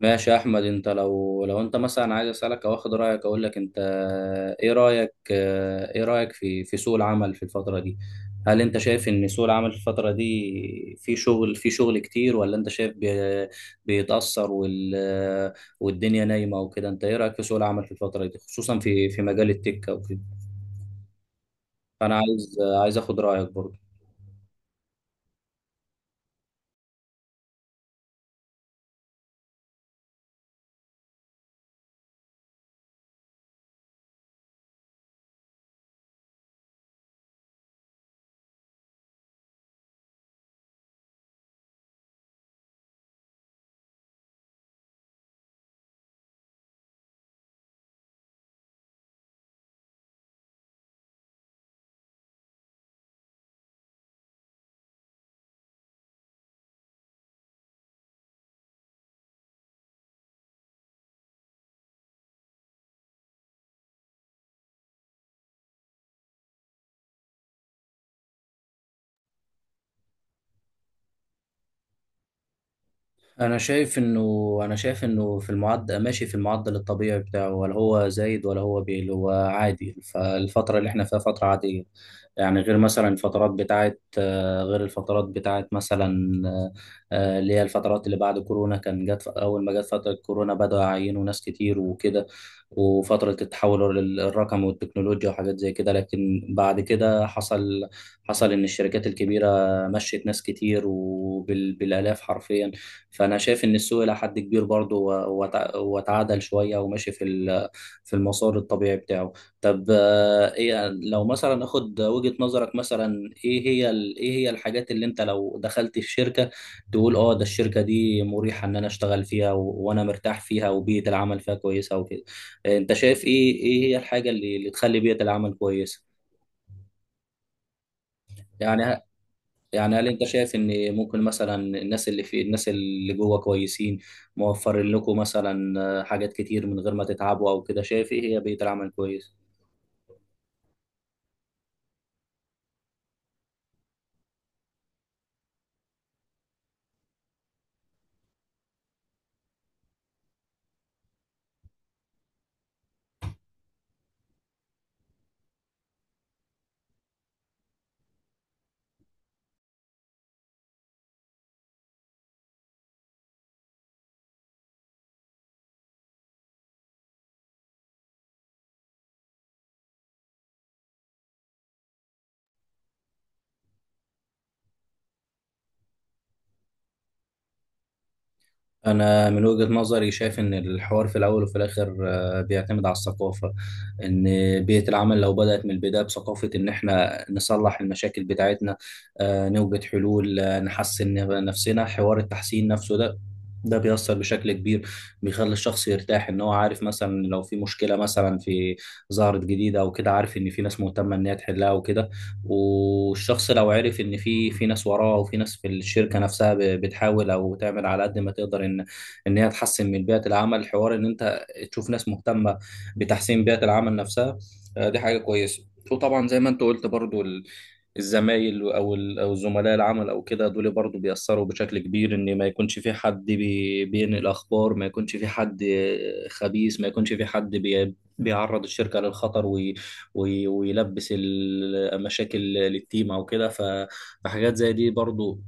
ماشي يا احمد. انت لو انت مثلا عايز اسالك او اخد رايك اقول لك انت. ايه رايك في سوق العمل في الفتره دي؟ هل انت شايف ان سوق العمل في الفتره دي في شغل كتير ولا انت شايف بيتاثر والدنيا نايمه وكده؟ انت ايه رايك في سوق العمل في الفتره دي خصوصا في مجال التك او كده؟ فانا عايز اخد رايك برضه. انا شايف انه انا شايف انه في المعدل ماشي في المعدل الطبيعي بتاعه، ولا هو زايد ولا هو بيقل، هو عادي. فالفتره اللي احنا فيها فتره عاديه. يعني غير مثلا الفترات بتاعت غير الفترات بتاعت مثلا اللي هي الفترات اللي بعد كورونا. كان جت اول ما جت فتره كورونا بدأوا يعينوا ناس كتير وكده، وفتره التحول للرقم والتكنولوجيا وحاجات زي كده. لكن بعد كده حصل ان الشركات الكبيره مشت ناس كتير وبالالاف حرفيا. فانا شايف ان السوق الى حد كبير برضه وتعادل شويه وماشي في المسار الطبيعي بتاعه. طب ايه لو مثلا اخد وجهه نظرك مثلا، ايه هي الحاجات اللي انت لو دخلت في شركه تقول اه ده الشركه دي مريحه ان انا اشتغل فيها وانا مرتاح فيها وبيئه العمل فيها كويسه وكده؟ انت شايف ايه هي الحاجه اللي تخلي بيئه العمل كويسه؟ يعني يعني هل انت شايف ان ممكن مثلا الناس اللي جوه كويسين، موفرين لكم مثلا حاجات كتير من غير ما تتعبوا او كده؟ شايف ايه هي بيئة العمل كويس. أنا من وجهة نظري شايف إن الحوار في الأول وفي الآخر بيعتمد على الثقافة. إن بيئة العمل لو بدأت من البداية بثقافة إن إحنا نصلح المشاكل بتاعتنا، نوجد حلول، نحسن نفسنا، حوار التحسين نفسه ده، ده بيأثر بشكل كبير. بيخلي الشخص يرتاح إن هو عارف مثلا لو في مشكلة مثلا ظهرت جديدة أو كده، عارف إن في ناس مهتمة إن هي تحلها وكده. والشخص لو عرف ان في ناس وراه، وفي ناس في الشركه نفسها بتحاول او تعمل على قد ما تقدر ان ان هي تحسن من بيئه العمل، الحوار ان انت تشوف ناس مهتمه بتحسين بيئه العمل نفسها، دي حاجه كويسه. وطبعا زي ما انت قلت برضو الزمايل او زملاء العمل او كده، دول برضو بيأثروا بشكل كبير. ان ما يكونش في حد بينقل اخبار، ما يكونش في حد خبيث، ما يكونش في حد بيعرض الشركة للخطر ويلبس المشاكل للتيم او كده. فحاجات زي دي برضو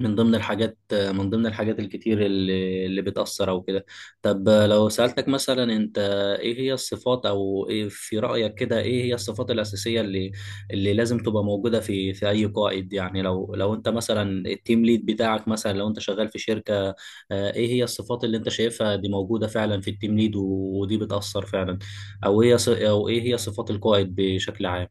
من ضمن الحاجات الكتير اللي بتأثر أو كده. طب لو سألتك مثلا، أنت إيه هي الصفات، أو إيه في رأيك كده إيه هي الصفات الأساسية اللي لازم تبقى موجودة في أي قائد؟ يعني لو أنت مثلا التيم ليد بتاعك، مثلا لو أنت شغال في شركة، إيه هي الصفات اللي أنت شايفها دي موجودة فعلا في التيم ليد ودي بتأثر فعلا؟ أو إيه هي صفات القائد بشكل عام؟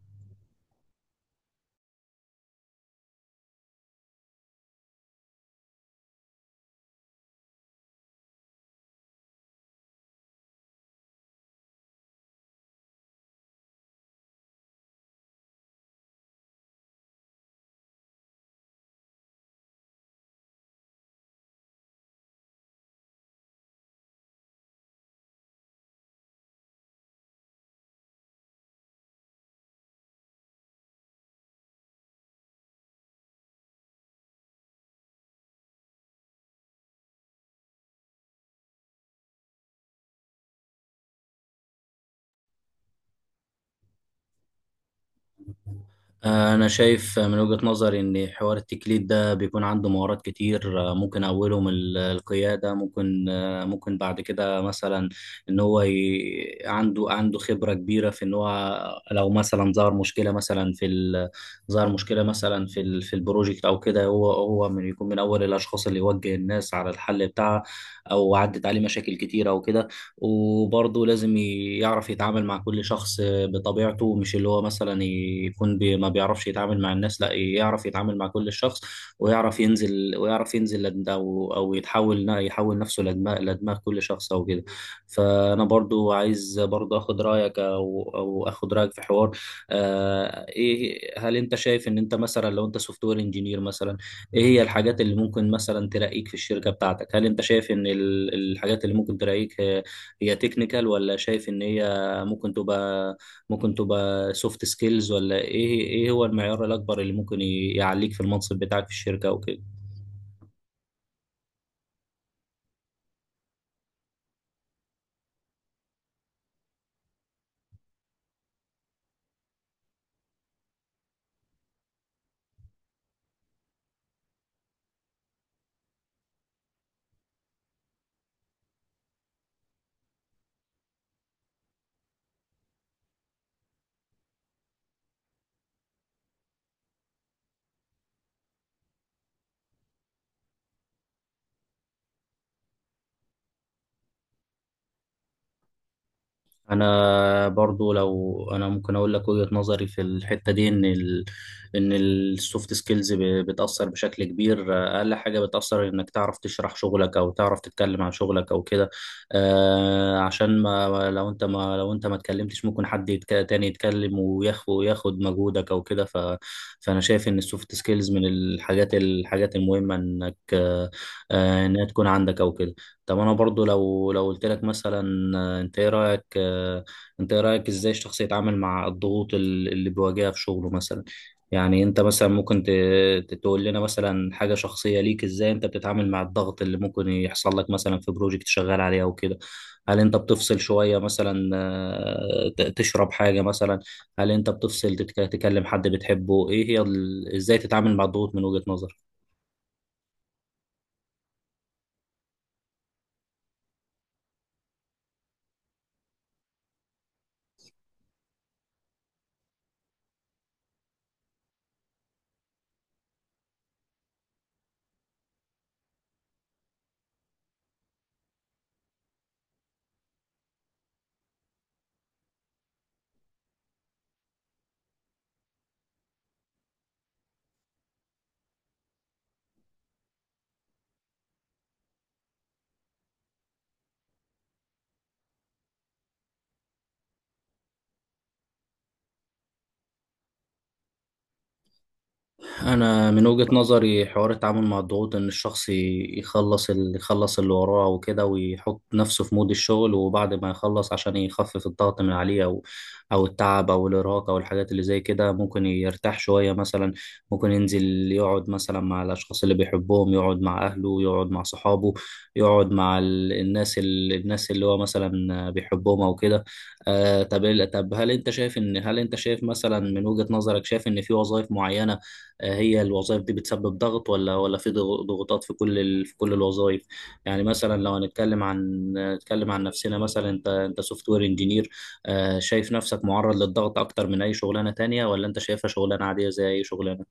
أنا شايف من وجهة نظري إن حوار التكليد ده بيكون عنده مهارات كتير. ممكن أولهم القيادة. ممكن ممكن بعد كده مثلا، إن هو عنده خبرة كبيرة في إن هو لو مثلا ظهر مشكلة مثلا في البروجكت أو كده، هو من يكون من أول الأشخاص اللي يوجه الناس على الحل بتاعها، أو عدت عليه مشاكل كتيرة أو كده. وبرضه لازم يعرف يتعامل مع كل شخص بطبيعته. مش اللي هو مثلا يكون ما بيعرفش يتعامل مع الناس، لا، يعرف يتعامل مع كل الشخص، ويعرف ينزل او يحول نفسه لدماغ كل شخص او كده. فانا برضو عايز برضو اخد رايك في حوار. ايه، هل انت شايف ان انت مثلا لو انت سوفت وير انجينير مثلا، ايه هي الحاجات اللي ممكن مثلا ترقيك في الشركه بتاعتك؟ هل انت شايف ان الحاجات اللي ممكن ترقيك هي تكنيكال، ولا شايف ان هي ممكن تبقى سوفت سكيلز، ولا ايه هو المعيار الاكبر اللي ممكن يعليك في المنصب بتاعك في الشركة او كده؟ انا برضو لو انا ممكن اقول لك وجهة نظري في الحتة دي، ان السوفت سكيلز بتأثر بشكل كبير. اقل حاجة بتأثر انك تعرف تشرح شغلك او تعرف تتكلم عن شغلك او كده. عشان، ما لو انت ما اتكلمتش ممكن حد تاني يتكلم وياخد مجهودك او كده. فانا شايف ان السوفت سكيلز من الحاجات المهمة انك آه آه، انها تكون عندك او كده. طب انا برضو لو قلت لك مثلا، انت ايه رايك انت ايه رايك ازاي الشخص يتعامل مع الضغوط اللي بيواجهها في شغله مثلا؟ يعني انت مثلا ممكن تقول لنا مثلا حاجه شخصيه ليك، ازاي انت بتتعامل مع الضغط اللي ممكن يحصل لك مثلا في بروجكت شغال عليه او كده؟ هل انت بتفصل شويه مثلا، تشرب حاجه مثلا؟ هل انت بتفصل، تكلم حد بتحبه؟ ايه هي ازاي تتعامل مع الضغوط من وجهه نظرك؟ انا من وجهة نظري حوار التعامل مع الضغوط، ان الشخص يخلص اللي وراه وكده، ويحط نفسه في مود الشغل، وبعد ما يخلص عشان يخفف الضغط من عليه، او او التعب او الارهاق او الحاجات اللي زي كده، ممكن يرتاح شوية مثلا. ممكن ينزل يقعد مثلا مع الاشخاص اللي بيحبهم، يقعد مع اهله، يقعد مع صحابه، يقعد مع الناس اللي هو مثلا بيحبهم او كده. طب هل انت شايف مثلا من وجهة نظرك، شايف ان في وظائف معينة، هي الوظائف دي بتسبب ضغط، ولا في ضغوطات في كل ال... في كل الوظائف؟ يعني مثلا لو هنتكلم عن نتكلم عن نفسنا مثلا، انت سوفت وير انجينير، شايف نفسك معرض للضغط اكتر من اي شغلانه تانية، ولا انت شايفها شغلانه عاديه زي اي شغلانه؟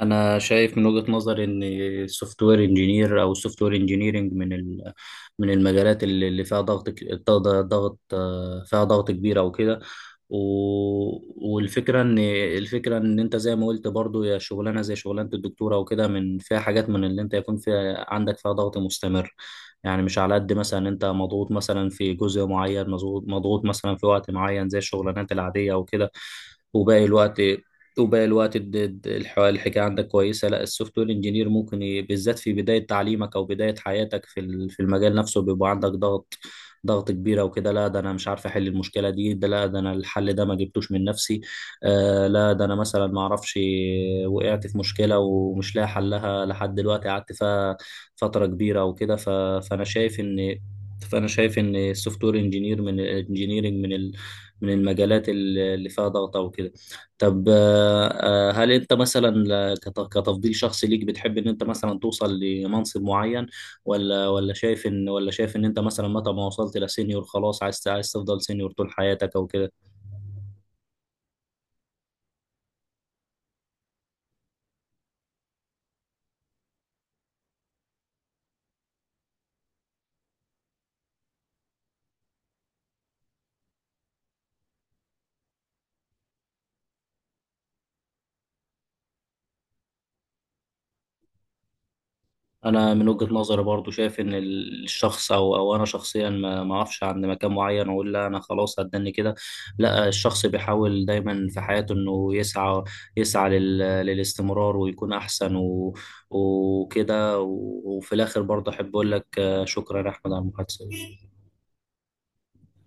انا شايف من وجهة نظري ان السوفت وير انجينير او السوفت وير انجينيرنج من من المجالات اللي فيها ضغط ك- ضغط ضغط- آه، فيها ضغط كبير او كده. والفكره ان، الفكره ان انت زي ما قلت برضو، يا شغلانه زي شغلانه الدكتوره وكده، من فيها حاجات من اللي انت يكون فيها عندك فيها ضغط مستمر. يعني مش على قد مثلا انت مضغوط مثلا في جزء معين، مضغوط مثلا في وقت معين زي الشغلانات العاديه وكده. وباقي الوقت وباقي الوقت الحكايه عندك كويسه، لا. السوفت وير انجينير ممكن بالذات في بدايه تعليمك او بدايه حياتك في المجال نفسه بيبقى عندك ضغط كبيره وكده. لا ده انا مش عارف احل المشكله دي، ده لا ده انا الحل ده ما جبتوش من نفسي. لا ده انا مثلا ما اعرفش، وقعت في مشكله ومش لاقي حلها لحد دلوقتي، قعدت فيها فتره كبيره وكده. فانا شايف ان فانا شايف ان السوفت وير انجينير من الانجينيرنج، من المجالات اللي فيها ضغط او كده. طب هل انت مثلا، كتفضيل شخصي ليك، بتحب ان انت مثلا توصل لمنصب معين، ولا شايف ان انت مثلا متى ما وصلت لسينيور خلاص عايز تفضل سينيور طول حياتك او كده؟ انا من وجهة نظري برضو شايف ان الشخص، او او انا شخصيا، ما اعرفش عند مكان معين واقول لا انا خلاص هتدني كده. لا، الشخص بيحاول دايما في حياته انه يسعى للاستمرار ويكون احسن وكده. وفي الاخر برضه احب اقول لك شكرا يا احمد على المحادثة.